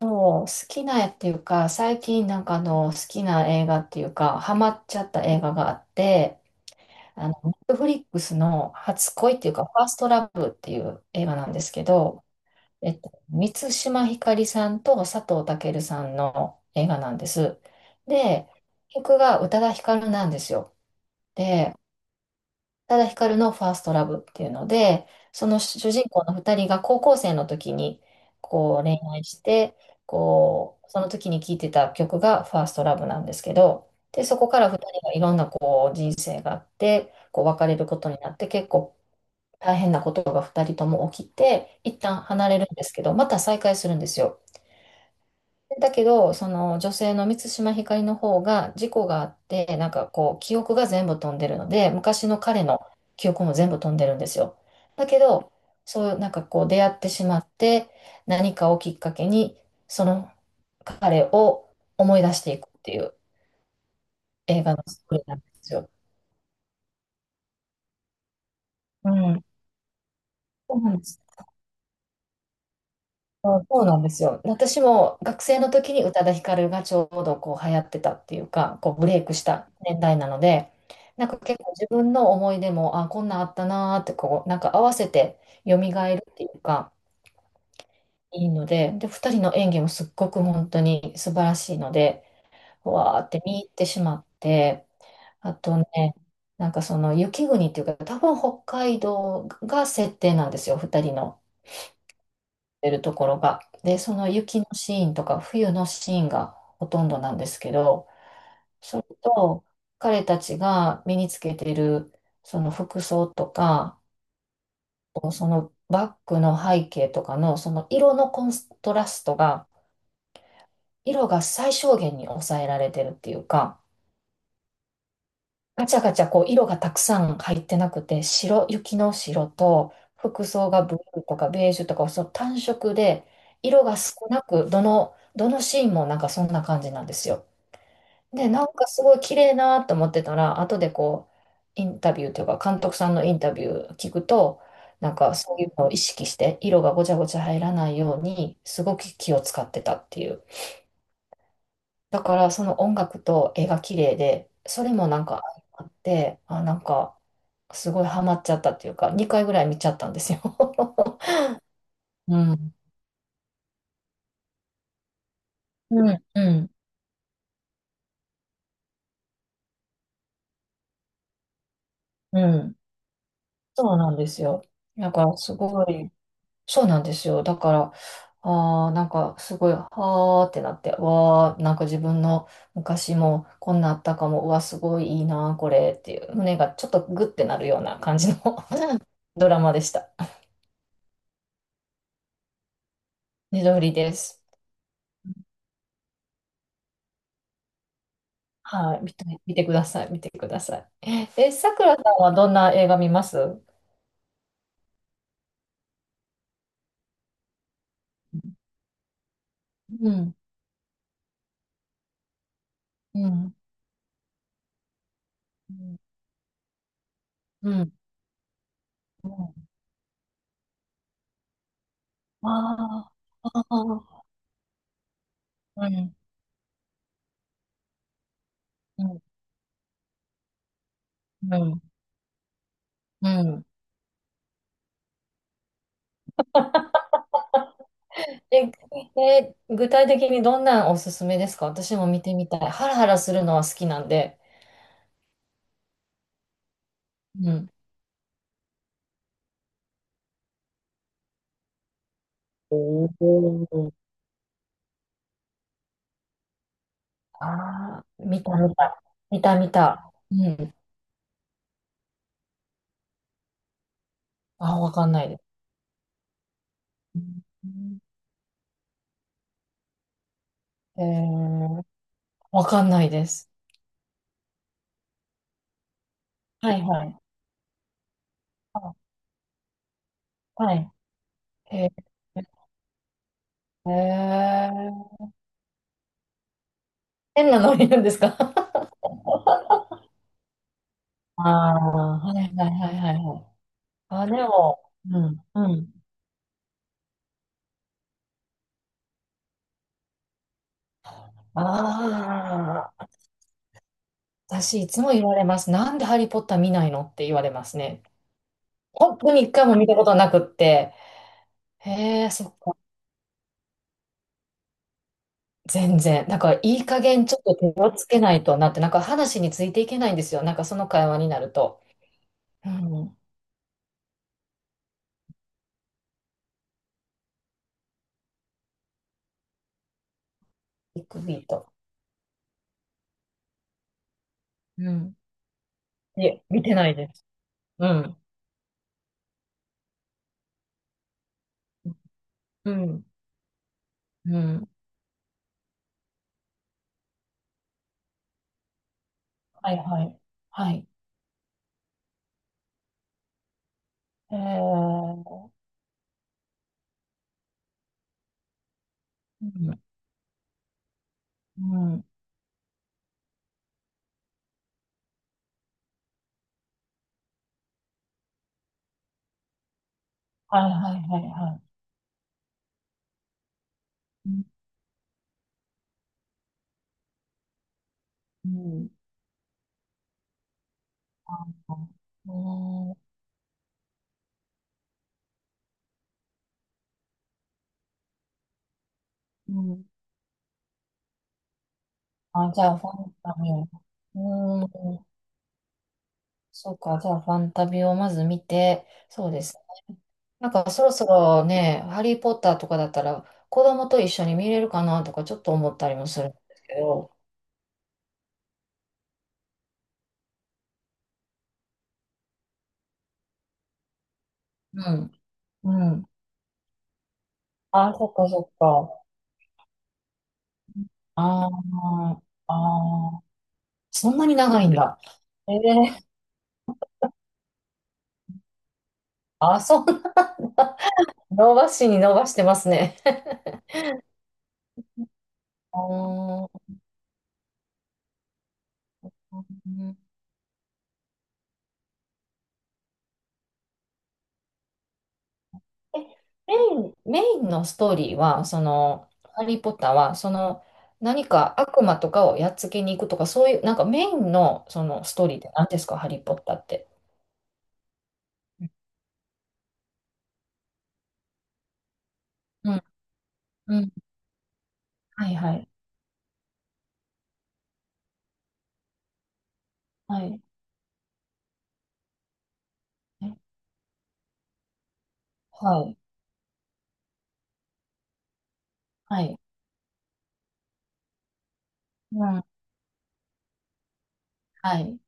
そう、好きな絵っていうか、最近好きな映画っていうか、ハマっちゃった映画があって、あの、Netflix の初恋っていうか、ファーストラブっていう映画なんですけど、満島ひかりさんと佐藤健さんの映画なんです。で、曲が宇多田ヒカルなんですよ。で、ただヒカルのファーストラブっていうので、その主人公の二人が高校生の時にこう恋愛して、こう、その時に聴いてた曲がファーストラブなんですけど、で、そこから二人がいろんなこう人生があって、こう別れることになって、結構大変なことが二人とも起きて、一旦離れるんですけど、また再会するんですよ。だけど、その女性の満島ひかりの方が事故があって、こう、記憶が全部飛んでるので、昔の彼の記憶も全部飛んでるんですよ。だけど、そう、こう、出会ってしまって、何かをきっかけに、その彼を思い出していくっていう映画のストーリーなんですよ。うん。そうなんです。うん、そうなんですよ。私も学生の時に宇多田ヒカルがちょうどこう流行ってたっていうか、こうブレイクした年代なので、なんか結構自分の思い出も、あ、こんなんあったなーってこう、なんか合わせて蘇るっていうか、いいので、で、2人の演技もすっごく本当に素晴らしいので、わーって見入ってしまって、あとね、なんかその雪国っていうか、多分北海道が設定なんですよ、2人の。てるところが。で、その雪のシーンとか冬のシーンがほとんどなんですけど、それと彼たちが身につけているその服装とか、そのバッグの背景とかのその色のコントラストが、色が最小限に抑えられてるっていうか、ガチャガチャこう色がたくさん入ってなくて、白、雪の白と、服装がブルーとかベージュとか、その単色で、色が少なく、どのシーンもなんかそんな感じなんですよ。で、なんかすごい綺麗なと思ってたら、後でこう、インタビューというか、監督さんのインタビュー聞くと、なんかそういうのを意識して、色がごちゃごちゃ入らないように、すごく気を使ってたっていう。だからその音楽と絵が綺麗で、それもなんかあって、あ、なんかすごいハマっちゃったっていうか、2回ぐらい見ちゃったんですよ。うん。うん、うん、うん。そうなんですよ。だからすごい、そうなんですよ。だから、あーなんかすごい、はーってなって、わー、なんか自分の昔もこんなあったかも、うわ、すごいいいな、これっていう、胸がちょっとグッてなるような感じの ドラマでした。ねどりです。はい、見て、見てください、見てください。え、さくらさんはどんな映画見ますうん、うん、うん、うん。ああ、あ、あうん、うん、うん。うん。え、え、具体的にどんなんおすすめですか？私も見てみたい。ハラハラするのは好きなんで。うん。おお。ああ、見た見た。見た見た。うん。あ、わかんないです。うん。えー、わかんないです。はいはい。はい。へえ。へー。変なノリなんですか？ ああ、はいはいはいはいはい。あ、でも、うん、うん。ああ、私いつも言われます。なんでハリーポッター見ないのって言われますね。本当に一回も見たことなくって。へえ、そっか。全然。なんかいい加減ちょっと手をつけないとなって、なんか話についていけないんですよ。なんかその会話になると。うん。ビッグビート。うん。いえ、見てないです。うん。うん。うん。はいはい。はい。えー、うん。うん。はいはいはいはい。うん。うん、あー、うん。うん。あ、じゃあ、ファンタビを。うん。そうか。じゃあ、ファンタビをまず見て、そうです。なんか、そろそろね、ハリー・ポッターとかだったら、子供と一緒に見れるかなとか、ちょっと思ったりもするんですけど。うん。うん。あ、そっかそっか。ああ、ああ、そんなに長いんだ。ええ、あ、そう。伸ばしに伸ばしてますね。おー。え、メインのストーリーは、その、ハリー・ポッターは、その、何か悪魔とかをやっつけに行くとか、そういう、なんかメインの、その、ストーリーって何ですか、ハリー・ポッターって。うん、うん、はい、はい、はい、はい、はい、うん、はい、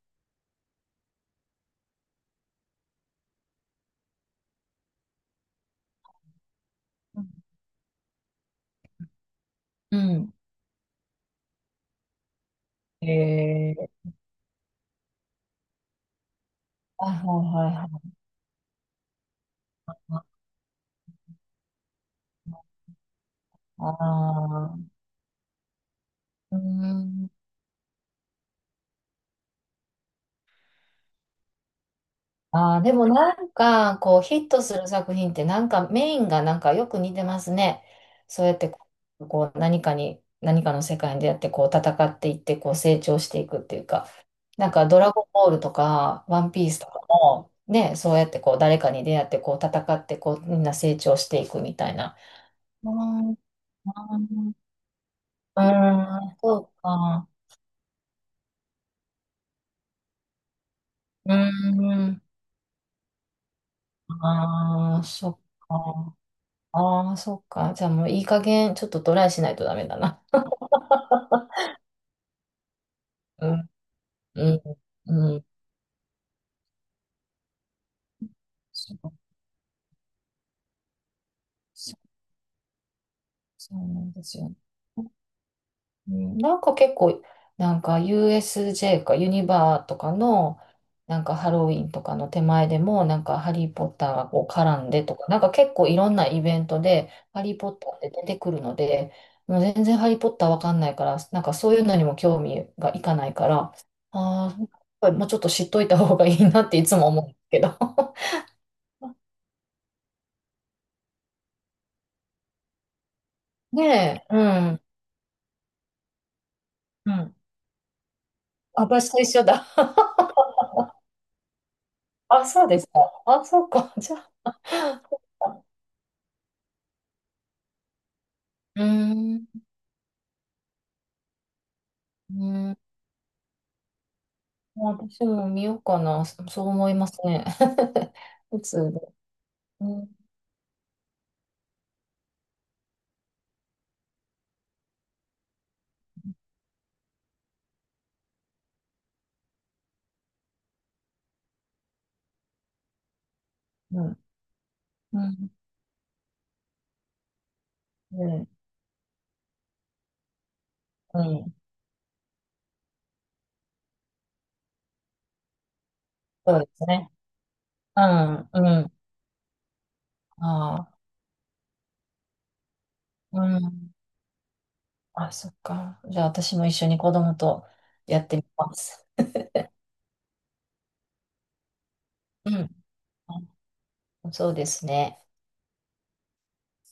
うん。うん。えー、はい、はい、はい、はい。ああ、うーん。ああ、でもなんか、こう、ヒットする作品って、なんかメインがなんかよく似てますね。そうやって、こう、何かに、何かの世界に出会って、こう、戦っていって、こう、成長していくっていうか、なんか、ドラゴンボールとか、ワンピースとかも、ね、そうやって、こう、誰かに出会って、こう、戦って、こう、みんな成長していくみたいな。うーん、うーん、そうか。うーん、ああ、そっか。ああ、そっか。じゃあもういい加減、ちょっとトライしないとダメだな。うん、うん、うん。そう、そうそうなんですよ。うん、なんか結構、なんか USJ かユニバーとかの、なんかハロウィンとかの手前でも、なんかハリー・ポッターがこう絡んでとか、なんか結構いろんなイベントで、ハリー・ポッターって出てくるので、もう全然ハリー・ポッターわかんないから、なんかそういうのにも興味がいかないから、ああ、やっぱりもうちょっと知っといた方がいいなっていつも思うんですけど。ねえ、うん、うん。あ、私と一緒だ。あ、そうですか。あ、そうか。じゃあ、うーん、うん。私も見ようかな。そ、そう思いますね。普通で。うん、うん、うん、うん、うん。そうですね。うん、うん。ああ、うん。あ、そっか。じゃあ、私も一緒に子供とやってみます。うん。あ、そうですね。